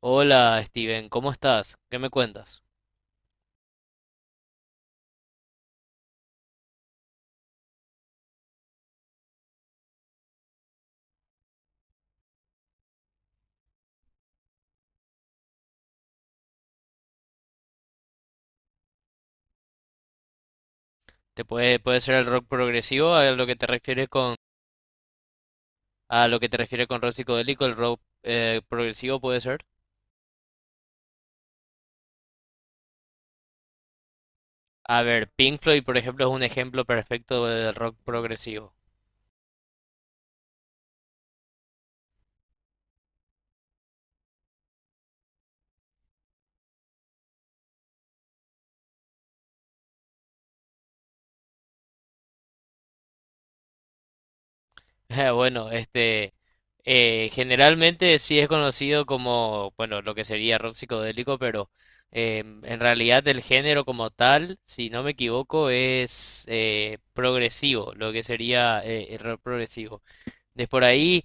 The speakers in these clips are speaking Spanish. Hola Steven, ¿cómo estás? ¿Qué me cuentas? ¿Te puede ser el rock progresivo a lo que te refieres con rock psicodélico, el rock progresivo puede ser? A ver, Pink Floyd, por ejemplo, es un ejemplo perfecto del rock progresivo. Bueno, este, generalmente sí es conocido como, bueno, lo que sería rock psicodélico, pero en realidad el género como tal, si no me equivoco, es progresivo, lo que sería el rock progresivo. De por ahí,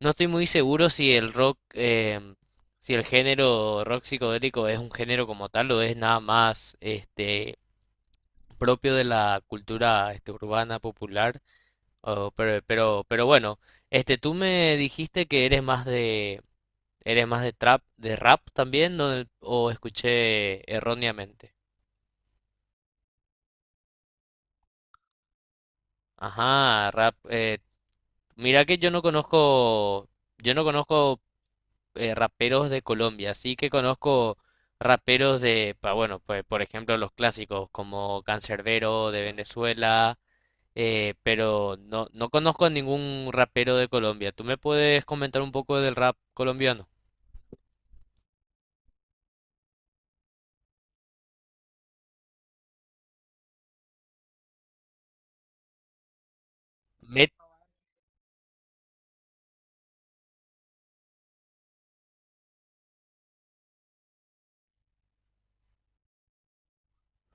no estoy muy seguro si el rock, si el género rock psicodélico es un género como tal o es nada más este, propio de la cultura este, urbana popular. Pero bueno, este, tú me dijiste que eres más de trap, de rap también, ¿no? O escuché erróneamente. Ajá, rap. Mira que yo no conozco raperos de Colombia. Sí que conozco raperos de, bueno, pues por ejemplo los clásicos como Canserbero de Venezuela, pero no conozco a ningún rapero de Colombia. ¿Tú me puedes comentar un poco del rap colombiano?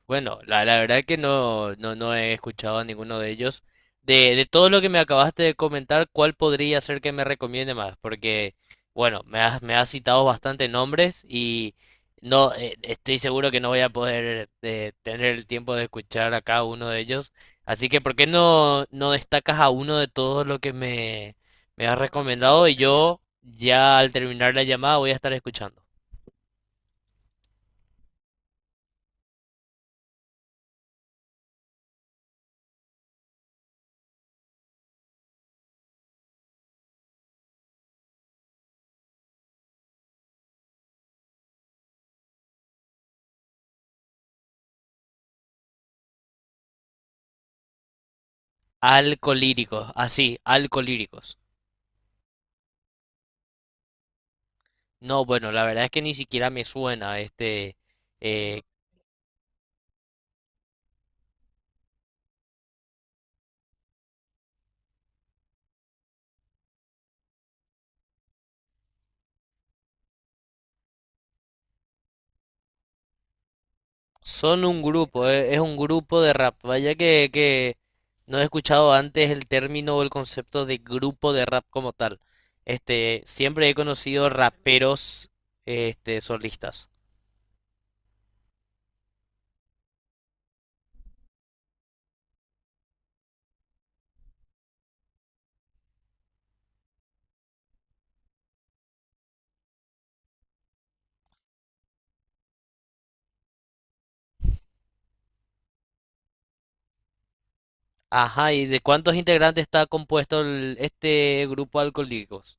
Bueno, la verdad que no he escuchado a ninguno de ellos. De todo lo que me acabaste de comentar, ¿cuál podría ser que me recomiende más? Porque, bueno, me has citado bastantes nombres y no, estoy seguro que no voy a poder tener el tiempo de escuchar a cada uno de ellos. Así que, ¿por qué no destacas a uno de todos lo que me has recomendado? Y yo, ya al terminar la llamada, voy a estar escuchando. Alcolíricos, así, alcolíricos. No, bueno, la verdad es que ni siquiera me suena. Este, eh, son un grupo, es un grupo de rap. Vaya que no he escuchado antes el término o el concepto de grupo de rap como tal. Este, siempre he conocido raperos, este, solistas. Ajá, ¿y de cuántos integrantes está compuesto este grupo Alcolíricos?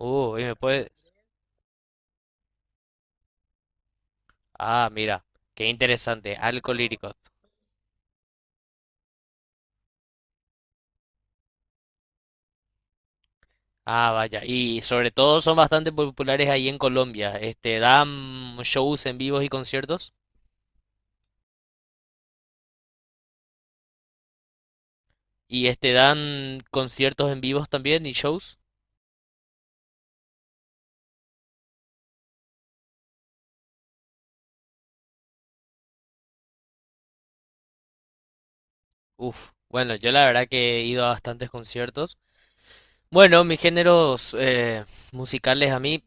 Y me puede... Ah, mira, qué interesante, Alcolíricos. Ah, vaya. Y sobre todo son bastante populares ahí en Colombia. Este, dan shows en vivos y conciertos. Y este, dan conciertos en vivos también y shows. Uf. Bueno, yo la verdad que he ido a bastantes conciertos. Bueno, mis géneros musicales, a mí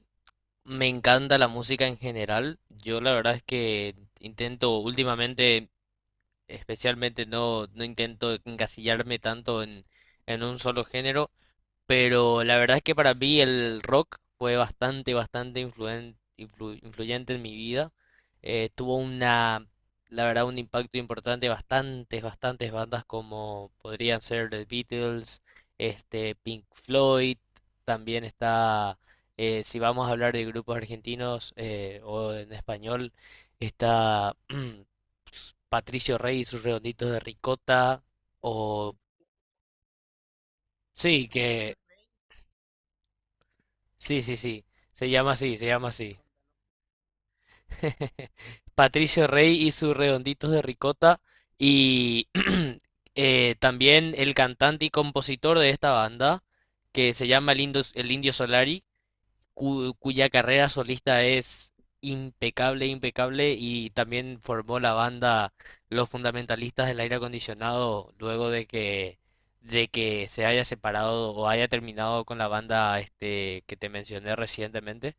me encanta la música en general. Yo la verdad es que intento últimamente, especialmente no intento encasillarme tanto en un solo género. Pero la verdad es que para mí el rock fue bastante, influyente en mi vida. Eh, tuvo una, la verdad, un impacto importante, bastantes bandas como podrían ser The Beatles, este, Pink Floyd, también está, si vamos a hablar de grupos argentinos o en español, está Patricio Rey y sus Redonditos de Ricota, o sí, que... Sí, sí, sí. Se llama así. Patricio Rey y sus Redonditos de Ricota. Y también el cantante y compositor de esta banda, que se llama el Indio Solari, cuya carrera solista es impecable, impecable. Y también formó la banda Los Fundamentalistas del Aire Acondicionado luego de que se haya separado o haya terminado con la banda este, que te mencioné recientemente.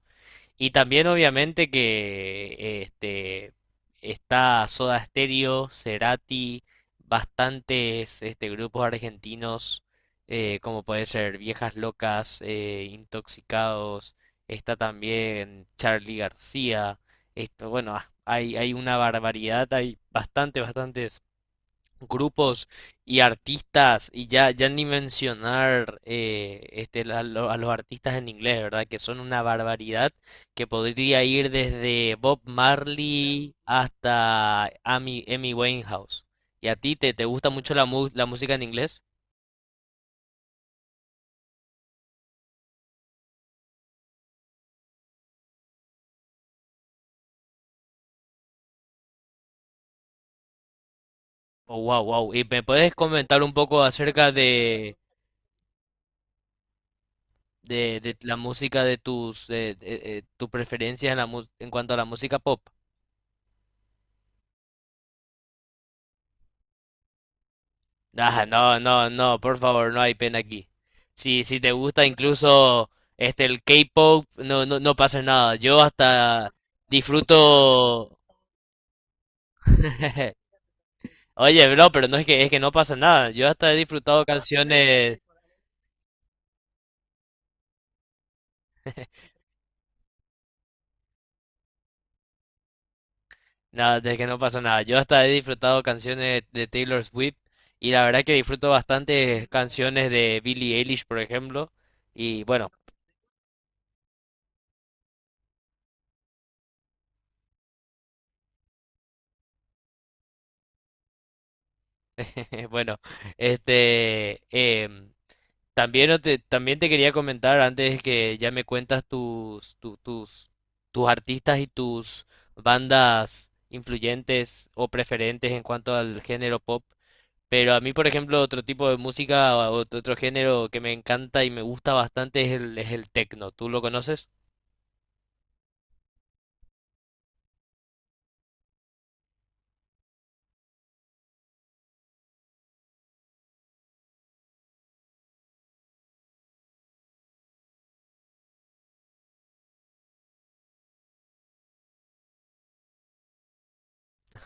Y también obviamente que este, está Soda Stereo, Cerati, bastantes este, grupos argentinos, como puede ser Viejas Locas, Intoxicados, está también Charly García, esto, bueno, ah, hay una barbaridad, hay bastante, bastantes grupos y artistas, y ya, ya ni mencionar este, a los artistas en inglés, ¿verdad? Que son una barbaridad, que podría ir desde Bob Marley hasta Amy Winehouse. ¿Y a ti te gusta mucho la música en inglés? Oh, wow, wow. ¿Y me puedes comentar un poco acerca de la música de tus, tus preferencias en, en cuanto a la música pop? Ah, no, no, no, por favor, no hay pena aquí. Si te gusta incluso este el K-pop, no, no, no pasa nada. Yo hasta disfruto. Oye, bro, pero no es que no pasa nada. Yo hasta he disfrutado canciones. Nada, de que no pasa nada. Yo hasta he disfrutado canciones de Taylor Swift y la verdad que disfruto bastante canciones de Billie Eilish, por ejemplo. Y bueno, bueno, este, también no te, también te quería comentar antes que ya me cuentas tus, tus artistas y tus bandas influyentes o preferentes en cuanto al género pop. Pero a mí, por ejemplo, otro tipo de música o otro género que me encanta y me gusta bastante es es el techno. ¿Tú lo conoces?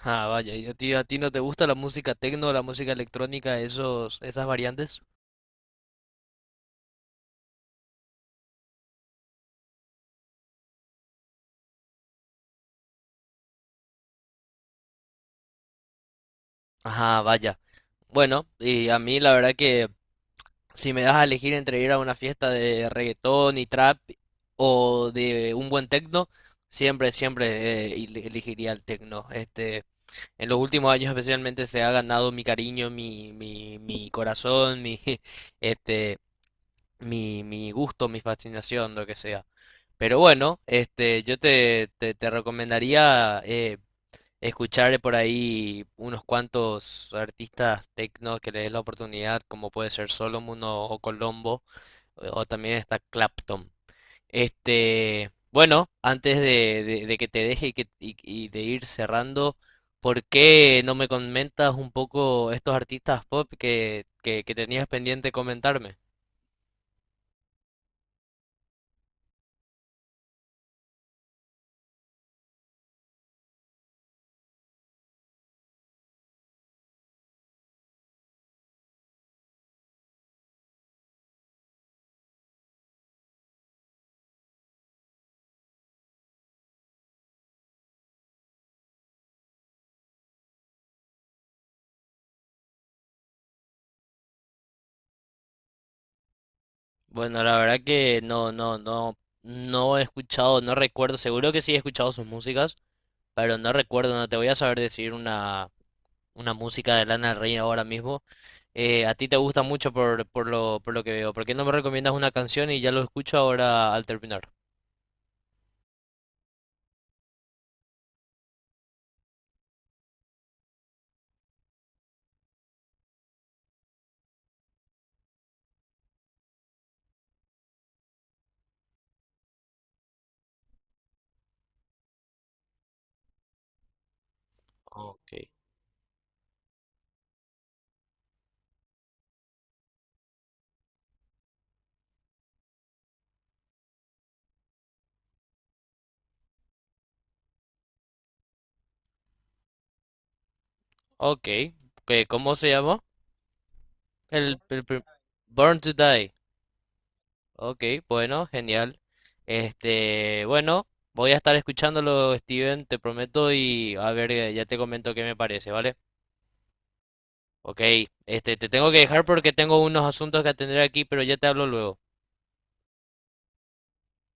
Ah, vaya, ¿y a ti no te gusta la música techno, la música electrónica, esos, esas variantes? Ah, vaya. Bueno, y a mí la verdad que, si me das a elegir entre ir a una fiesta de reggaetón y trap o de un buen techno, siempre, siempre elegiría el techno. Este, en los últimos años especialmente se ha ganado mi cariño, mi corazón, mi, este, mi gusto, mi fascinación, lo que sea. Pero bueno, este, yo te recomendaría escuchar por ahí unos cuantos artistas techno que le des la oportunidad, como puede ser Solomon o Colombo o también está Clapton. Este, bueno, antes de que te deje y de ir cerrando, ¿por qué no me comentas un poco estos artistas pop que tenías pendiente comentarme? Bueno, la verdad que no he escuchado, no recuerdo, seguro que sí he escuchado sus músicas, pero no recuerdo, no te voy a saber decir una música de Lana del Rey ahora mismo. A ti te gusta mucho por lo que veo. ¿Por qué no me recomiendas una canción y ya lo escucho ahora al terminar? Ok. Ok, que- ¿cómo se llamó? El prim- Born to Die. Ok, bueno, genial. Este, bueno, voy a estar escuchándolo, Steven, te prometo, y a ver, ya te comento qué me parece, ¿vale? Ok, este, te tengo que dejar porque tengo unos asuntos que atender aquí, pero ya te hablo luego.